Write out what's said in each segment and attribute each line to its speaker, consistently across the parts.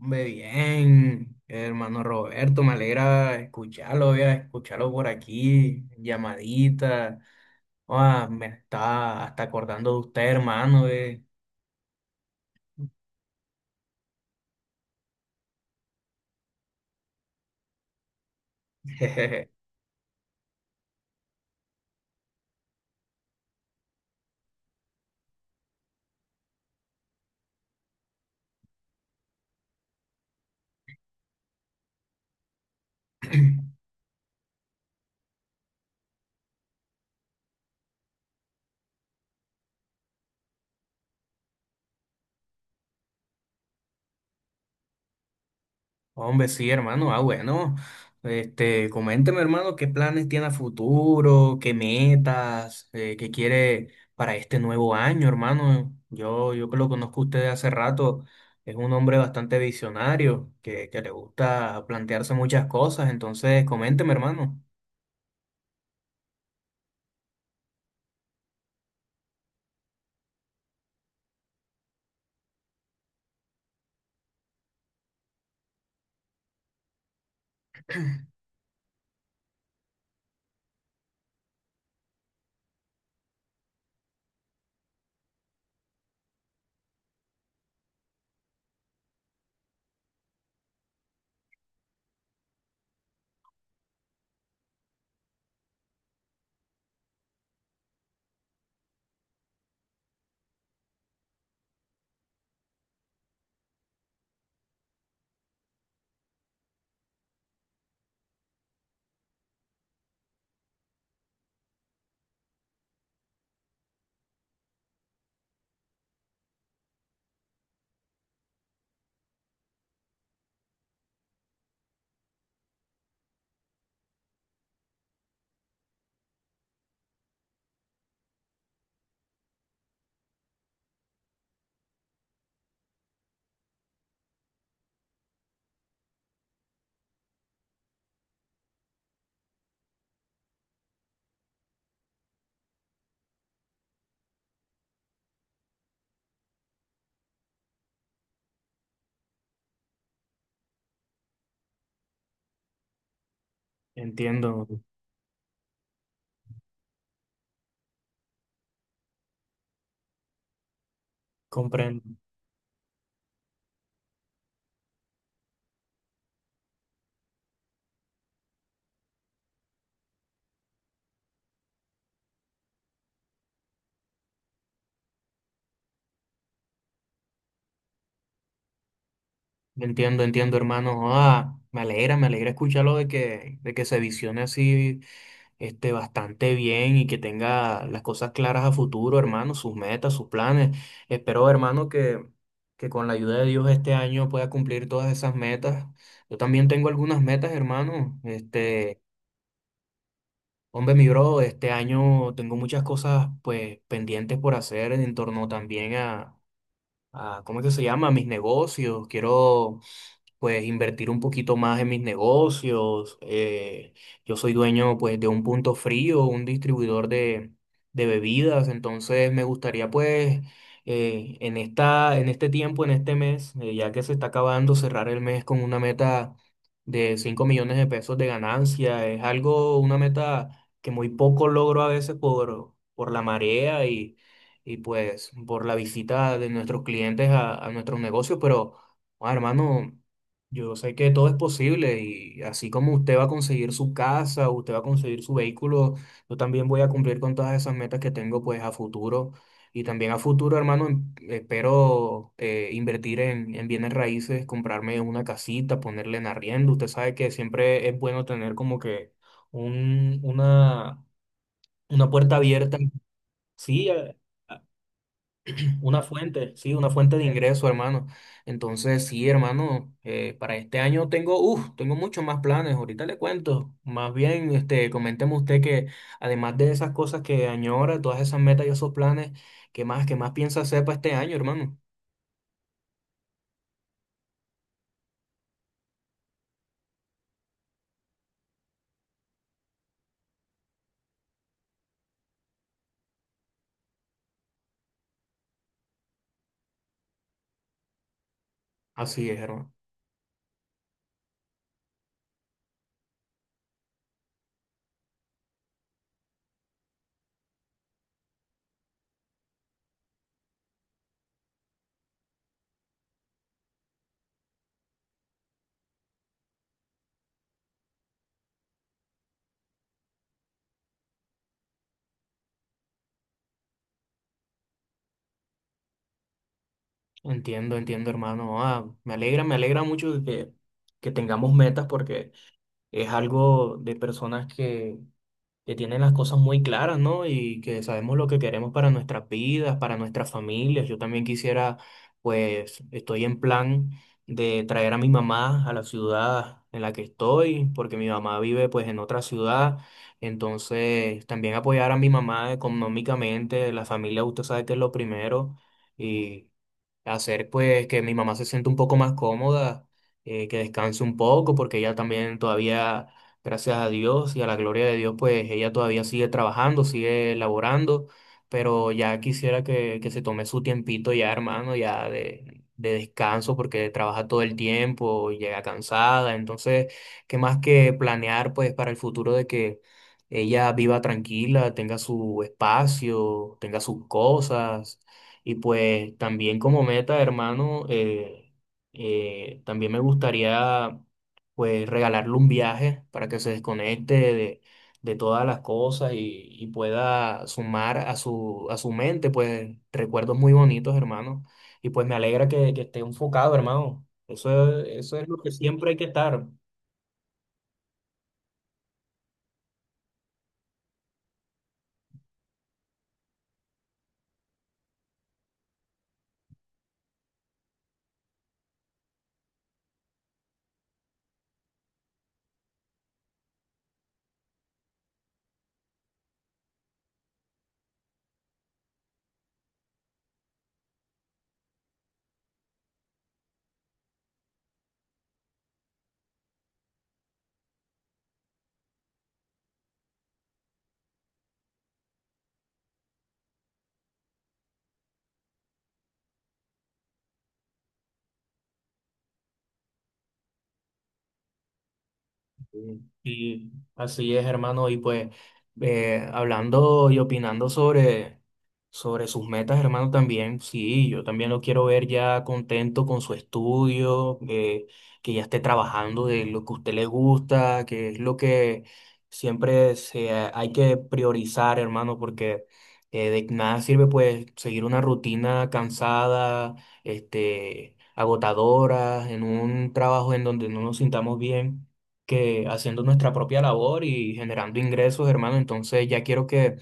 Speaker 1: Hombre, bien, hermano Roberto, me alegra escucharlo, ya, escucharlo por aquí, llamadita. Ah, me está hasta acordando de usted, hermano. Hombre, sí, hermano. Ah, bueno. Coménteme, hermano, qué planes tiene a futuro, qué metas, qué quiere para este nuevo año, hermano. Yo que lo conozco a usted de hace rato, es un hombre bastante visionario, que le gusta plantearse muchas cosas. Entonces, coménteme, hermano. Entiendo, comprendo. Entiendo, entiendo, hermano. Ah, me alegra escucharlo de que se visione así bastante bien y que tenga las cosas claras a futuro, hermano, sus metas, sus planes. Espero, hermano, que con la ayuda de Dios este año pueda cumplir todas esas metas. Yo también tengo algunas metas, hermano. Hombre, mi bro, este año tengo muchas cosas pues pendientes por hacer en torno también a ¿cómo es que se llama? A mis negocios. Quiero pues invertir un poquito más en mis negocios. Yo soy dueño pues de un punto frío, un distribuidor de bebidas, entonces me gustaría pues en este tiempo, en este mes, ya que se está acabando, cerrar el mes con una meta de 5 millones de pesos de ganancia. Es algo, una meta que muy poco logro a veces por la marea y pues por la visita de nuestros clientes a nuestros negocios, pero... Ah, hermano, yo sé que todo es posible y así como usted va a conseguir su casa, usted va a conseguir su vehículo, yo también voy a cumplir con todas esas metas que tengo pues a futuro. Y también a futuro, hermano, espero invertir en bienes raíces, comprarme una casita, ponerle en arriendo. Usted sabe que siempre es bueno tener como que un, una, una puerta abierta. Sí, una fuente de ingreso, hermano. Entonces, sí, hermano, para este año tengo, uff, tengo muchos más planes, ahorita le cuento. Más bien, coménteme usted que además de esas cosas que añora, todas esas metas y esos planes, ¿qué más piensa hacer para este año, hermano? Así es, hermano. Entiendo, entiendo, hermano. Ah, me alegra mucho que tengamos metas porque es algo de personas que tienen las cosas muy claras, ¿no? Y que sabemos lo que queremos para nuestras vidas, para nuestras familias. Yo también quisiera, pues, estoy en plan de traer a mi mamá a la ciudad en la que estoy, porque mi mamá vive, pues, en otra ciudad. Entonces, también apoyar a mi mamá económicamente, la familia, usted sabe que es lo primero, y hacer, pues, que mi mamá se sienta un poco más cómoda. Que descanse un poco porque ella también todavía, gracias a Dios y a la gloria de Dios, pues ella todavía sigue trabajando, sigue laborando, pero ya quisiera que se tome su tiempito ya, hermano, de descanso, porque trabaja todo el tiempo, llega cansada, entonces, ¿qué más que planear, pues, para el futuro de que ella viva tranquila, tenga su espacio, tenga sus cosas, y pues también como meta, hermano, también me gustaría pues regalarle un viaje para que se desconecte de todas las cosas y pueda sumar a su mente, pues recuerdos muy bonitos, hermano. Y pues me alegra que esté enfocado, hermano. Eso es lo que siempre hay que estar. Y así es, hermano. Y pues hablando y opinando sobre sus metas, hermano, también, sí, yo también lo quiero ver ya contento con su estudio, que ya esté trabajando de lo que a usted le gusta, que es lo que siempre hay que priorizar, hermano, porque de nada sirve pues seguir una rutina cansada, agotadora, en un trabajo en donde no nos sintamos bien que haciendo nuestra propia labor y generando ingresos, hermano. Entonces ya quiero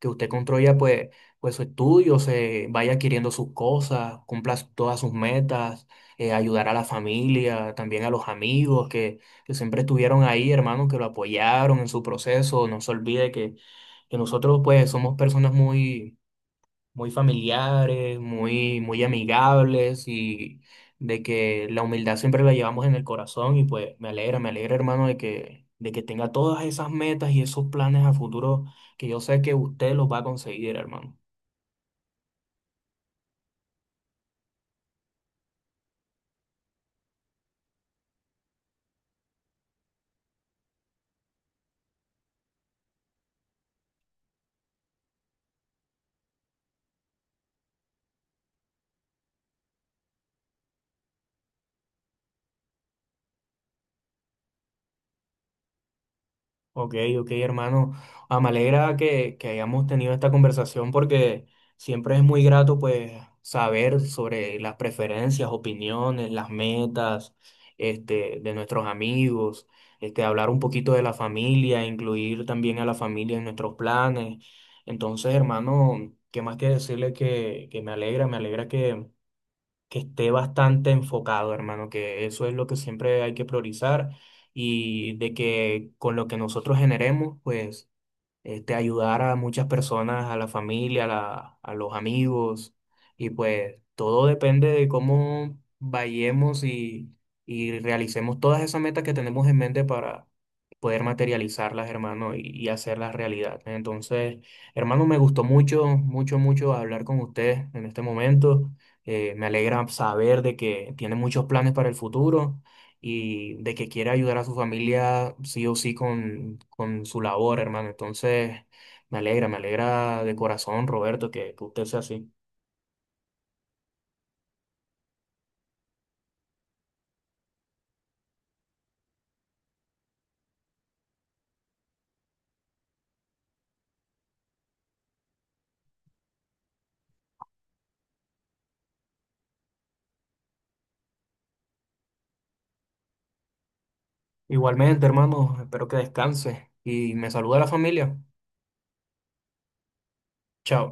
Speaker 1: que usted construya pues su estudio, se vaya adquiriendo sus cosas, cumpla todas sus metas, ayudar a la familia, también a los amigos que siempre estuvieron ahí, hermano, que lo apoyaron en su proceso. No se olvide que nosotros pues somos personas muy familiares, muy amigables y de que la humildad siempre la llevamos en el corazón y pues me alegra hermano de que tenga todas esas metas y esos planes a futuro que yo sé que usted los va a conseguir, hermano. Ok, ok, hermano. Ah, me alegra que hayamos tenido esta conversación porque siempre es muy grato pues saber sobre las preferencias, opiniones, las metas de nuestros amigos, hablar un poquito de la familia, incluir también a la familia en nuestros planes. Entonces, hermano, qué más que decirle que me alegra que esté bastante enfocado, hermano, que eso es lo que siempre hay que priorizar y de que con lo que nosotros generemos, pues ayudar a muchas personas, a la familia, a los amigos, y pues todo depende de cómo vayamos y realicemos todas esas metas que tenemos en mente para poder materializarlas, hermano, y hacerlas realidad. Entonces, hermano, me gustó mucho, mucho, mucho hablar con usted en este momento. Me alegra saber de que tiene muchos planes para el futuro y de que quiere ayudar a su familia sí o sí con su labor, hermano. Entonces, me alegra de corazón, Roberto, que usted sea así. Igualmente, hermano, espero que descanse y me saluda a la familia. Chao.